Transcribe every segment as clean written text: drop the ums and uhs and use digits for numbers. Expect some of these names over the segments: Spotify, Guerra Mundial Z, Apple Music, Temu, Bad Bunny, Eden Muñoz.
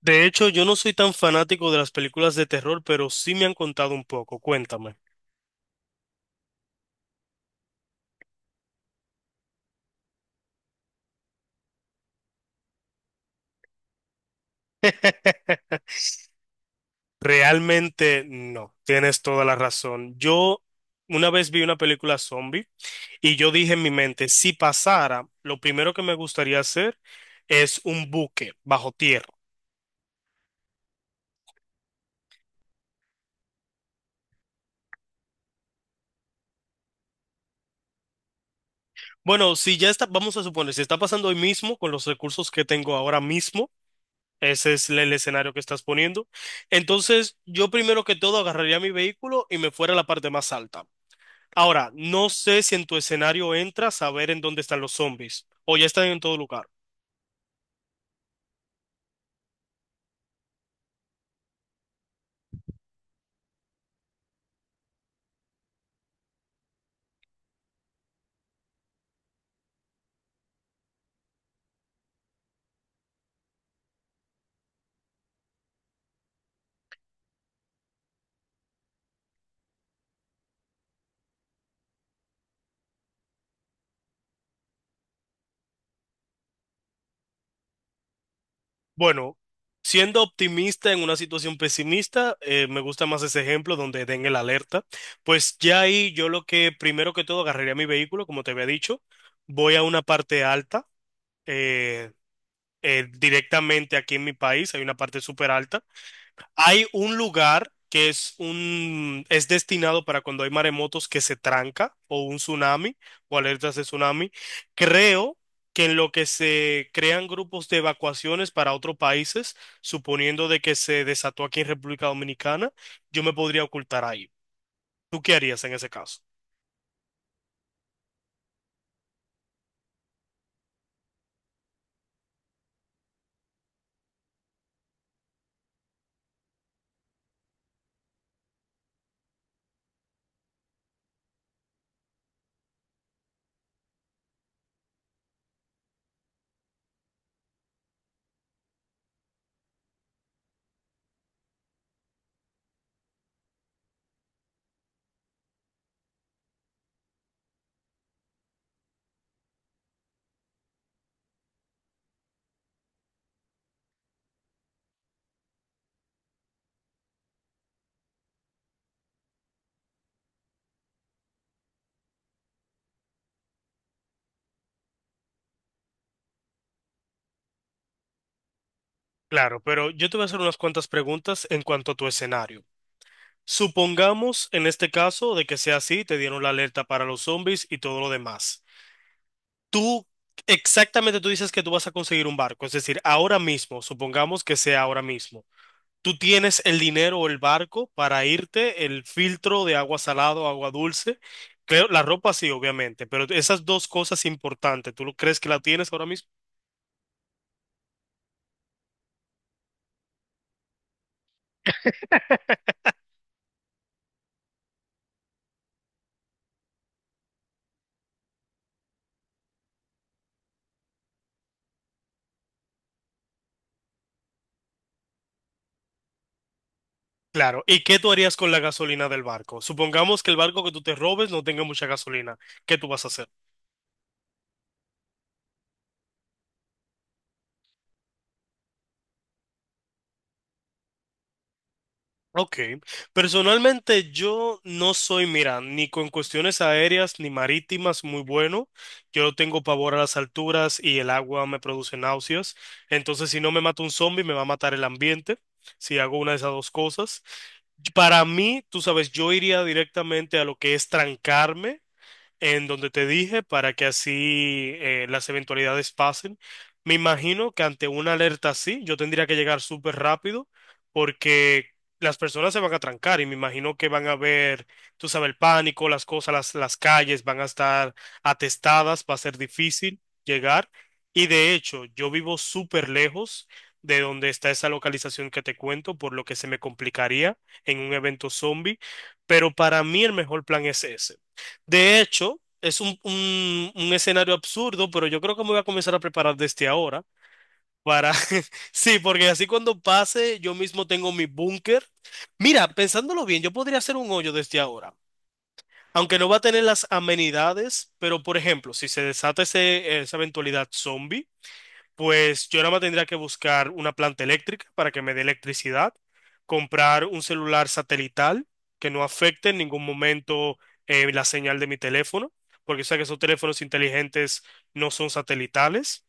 De hecho, yo no soy tan fanático de las películas de terror, pero sí me han contado un poco. Cuéntame. Realmente no, tienes toda la razón. Yo una vez vi una película zombie y yo dije en mi mente, si pasara, lo primero que me gustaría hacer es un buque bajo tierra. Bueno, si ya está, vamos a suponer, si está pasando hoy mismo con los recursos que tengo ahora mismo, ese es el escenario que estás poniendo, entonces yo primero que todo agarraría mi vehículo y me fuera a la parte más alta. Ahora, no sé si en tu escenario entra saber en dónde están los zombies o ya están en todo lugar. Bueno, siendo optimista en una situación pesimista, me gusta más ese ejemplo donde den el alerta. Pues ya ahí yo lo que primero que todo agarraría mi vehículo, como te había dicho, voy a una parte alta. eh, Directamente aquí en mi país hay una parte súper alta. Hay un lugar que es un es destinado para cuando hay maremotos que se tranca o un tsunami o alertas de tsunami. Creo que en lo que se crean grupos de evacuaciones para otros países, suponiendo de que se desató aquí en República Dominicana, yo me podría ocultar ahí. ¿Tú qué harías en ese caso? Claro, pero yo te voy a hacer unas cuantas preguntas en cuanto a tu escenario. Supongamos en este caso de que sea así, te dieron la alerta para los zombies y todo lo demás. Tú, exactamente tú dices que tú vas a conseguir un barco, es decir, ahora mismo, supongamos que sea ahora mismo, tú tienes el dinero o el barco para irte, el filtro de agua salada o agua dulce, creo, la ropa sí, obviamente, pero esas dos cosas importantes, ¿tú lo crees que la tienes ahora mismo? Claro, ¿y qué tú harías con la gasolina del barco? Supongamos que el barco que tú te robes no tenga mucha gasolina, ¿qué tú vas a hacer? Ok, personalmente yo no soy, mira, ni con cuestiones aéreas ni marítimas muy bueno. Yo tengo pavor a las alturas y el agua me produce náuseas. Entonces, si no me mata un zombie, me va a matar el ambiente, si hago una de esas dos cosas. Para mí, tú sabes, yo iría directamente a lo que es trancarme en donde te dije para que así las eventualidades pasen. Me imagino que ante una alerta así, yo tendría que llegar súper rápido porque las personas se van a trancar y me imagino que van a ver, tú sabes, el pánico, las cosas, las calles van a estar atestadas, va a ser difícil llegar. Y de hecho, yo vivo súper lejos de donde está esa localización que te cuento, por lo que se me complicaría en un evento zombie, pero para mí el mejor plan es ese. De hecho, es un, un escenario absurdo, pero yo creo que me voy a comenzar a preparar desde ahora para... Sí, porque así cuando pase, yo mismo tengo mi búnker. Mira, pensándolo bien, yo podría hacer un hoyo desde ahora. Aunque no va a tener las amenidades, pero por ejemplo, si se desata esa eventualidad zombie, pues yo nada más tendría que buscar una planta eléctrica para que me dé electricidad, comprar un celular satelital que no afecte en ningún momento la señal de mi teléfono, porque sé que esos teléfonos inteligentes no son satelitales,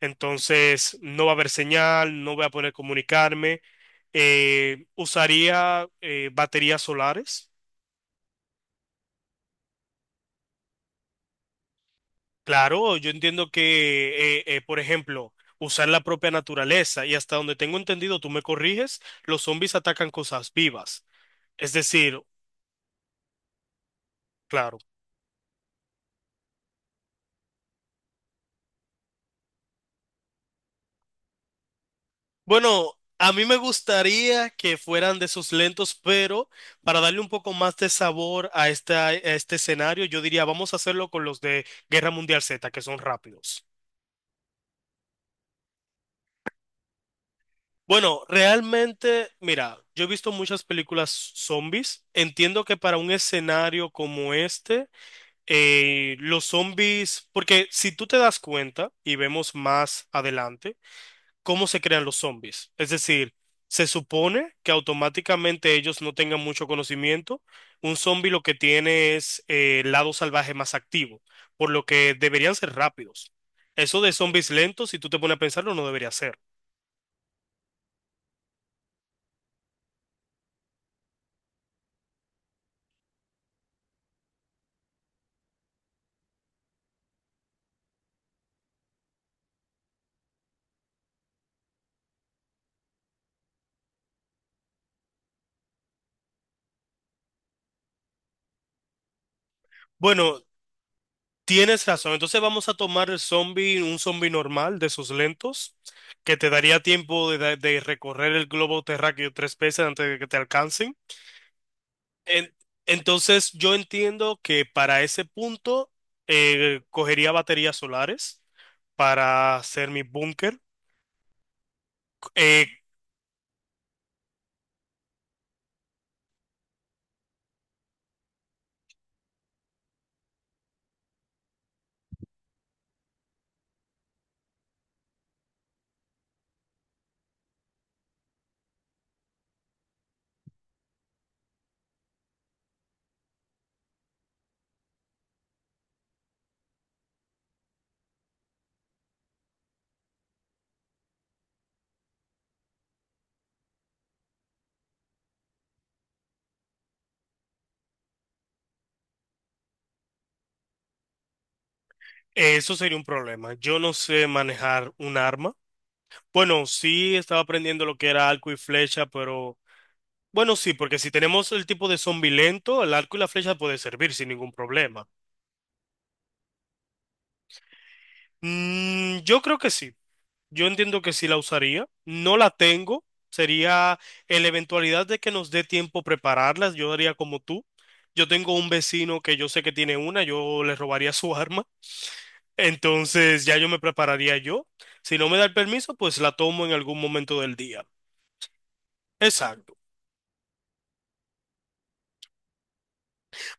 entonces no va a haber señal, no voy a poder comunicarme. Usaría baterías solares. Claro, yo entiendo que, por ejemplo, usar la propia naturaleza y hasta donde tengo entendido, tú me corriges, los zombies atacan cosas vivas. Es decir, claro. Bueno, a mí me gustaría que fueran de esos lentos, pero para darle un poco más de sabor a, a este escenario, yo diría, vamos a hacerlo con los de Guerra Mundial Z, que son rápidos. Bueno, realmente, mira, yo he visto muchas películas zombies. Entiendo que para un escenario como este... los zombies, porque si tú te das cuenta y vemos más adelante, cómo se crean los zombies. Es decir, se supone que automáticamente ellos no tengan mucho conocimiento. Un zombie lo que tiene es el lado salvaje más activo, por lo que deberían ser rápidos. Eso de zombies lentos, si tú te pones a pensarlo, no debería ser. Bueno, tienes razón. Entonces vamos a tomar el zombie, un zombie normal de esos lentos, que te daría tiempo de, de recorrer el globo terráqueo tres veces antes de que te alcancen. En- entonces yo entiendo que para ese punto cogería baterías solares para hacer mi búnker. Eh, Eso sería un problema. Yo no sé manejar un arma. Bueno, sí estaba aprendiendo lo que era arco y flecha, pero bueno, sí, porque si tenemos el tipo de zombie lento, el arco y la flecha puede servir sin ningún problema. Mm, yo creo que sí. Yo entiendo que sí la usaría. No la tengo. Sería en la eventualidad de que nos dé tiempo prepararlas. Yo haría como tú. Yo tengo un vecino que yo sé que tiene una. Yo le robaría su arma. Entonces ya yo me prepararía yo. Si no me da el permiso, pues la tomo en algún momento del día. Exacto.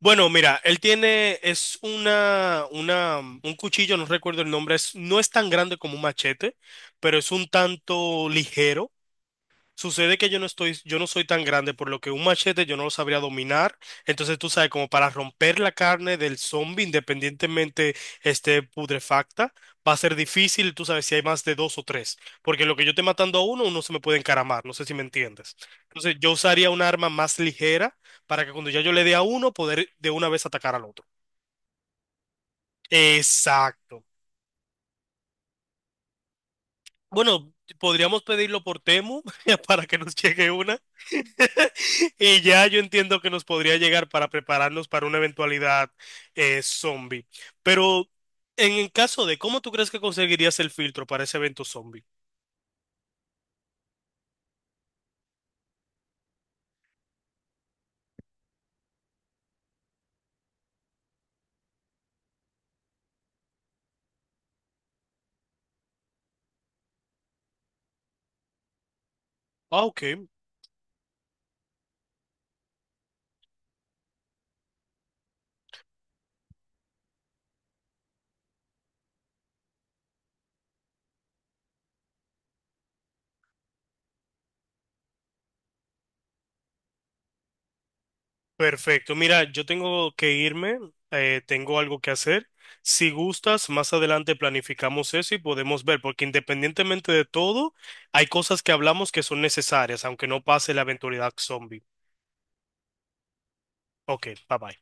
Bueno, mira, él tiene, es una, un cuchillo, no recuerdo el nombre, es, no es tan grande como un machete, pero es un tanto ligero. Sucede que yo no estoy, yo no soy tan grande, por lo que un machete yo no lo sabría dominar. Entonces, tú sabes, como para romper la carne del zombie, independientemente esté putrefacta, va a ser difícil, tú sabes, si hay más de dos o tres. Porque lo que yo esté matando a uno, uno se me puede encaramar. No sé si me entiendes. Entonces, yo usaría un arma más ligera para que cuando ya yo le dé a uno, poder de una vez atacar al otro. Exacto. Bueno, podríamos pedirlo por Temu para que nos llegue una. Y ya yo entiendo que nos podría llegar para prepararnos para una eventualidad zombie. Pero en el caso de, ¿cómo tú crees que conseguirías el filtro para ese evento zombie? Ah, ok, perfecto. Mira, yo tengo que irme, tengo algo que hacer. Si gustas, más adelante planificamos eso y podemos ver, porque independientemente de todo, hay cosas que hablamos que son necesarias, aunque no pase la eventualidad zombie. Ok, bye bye.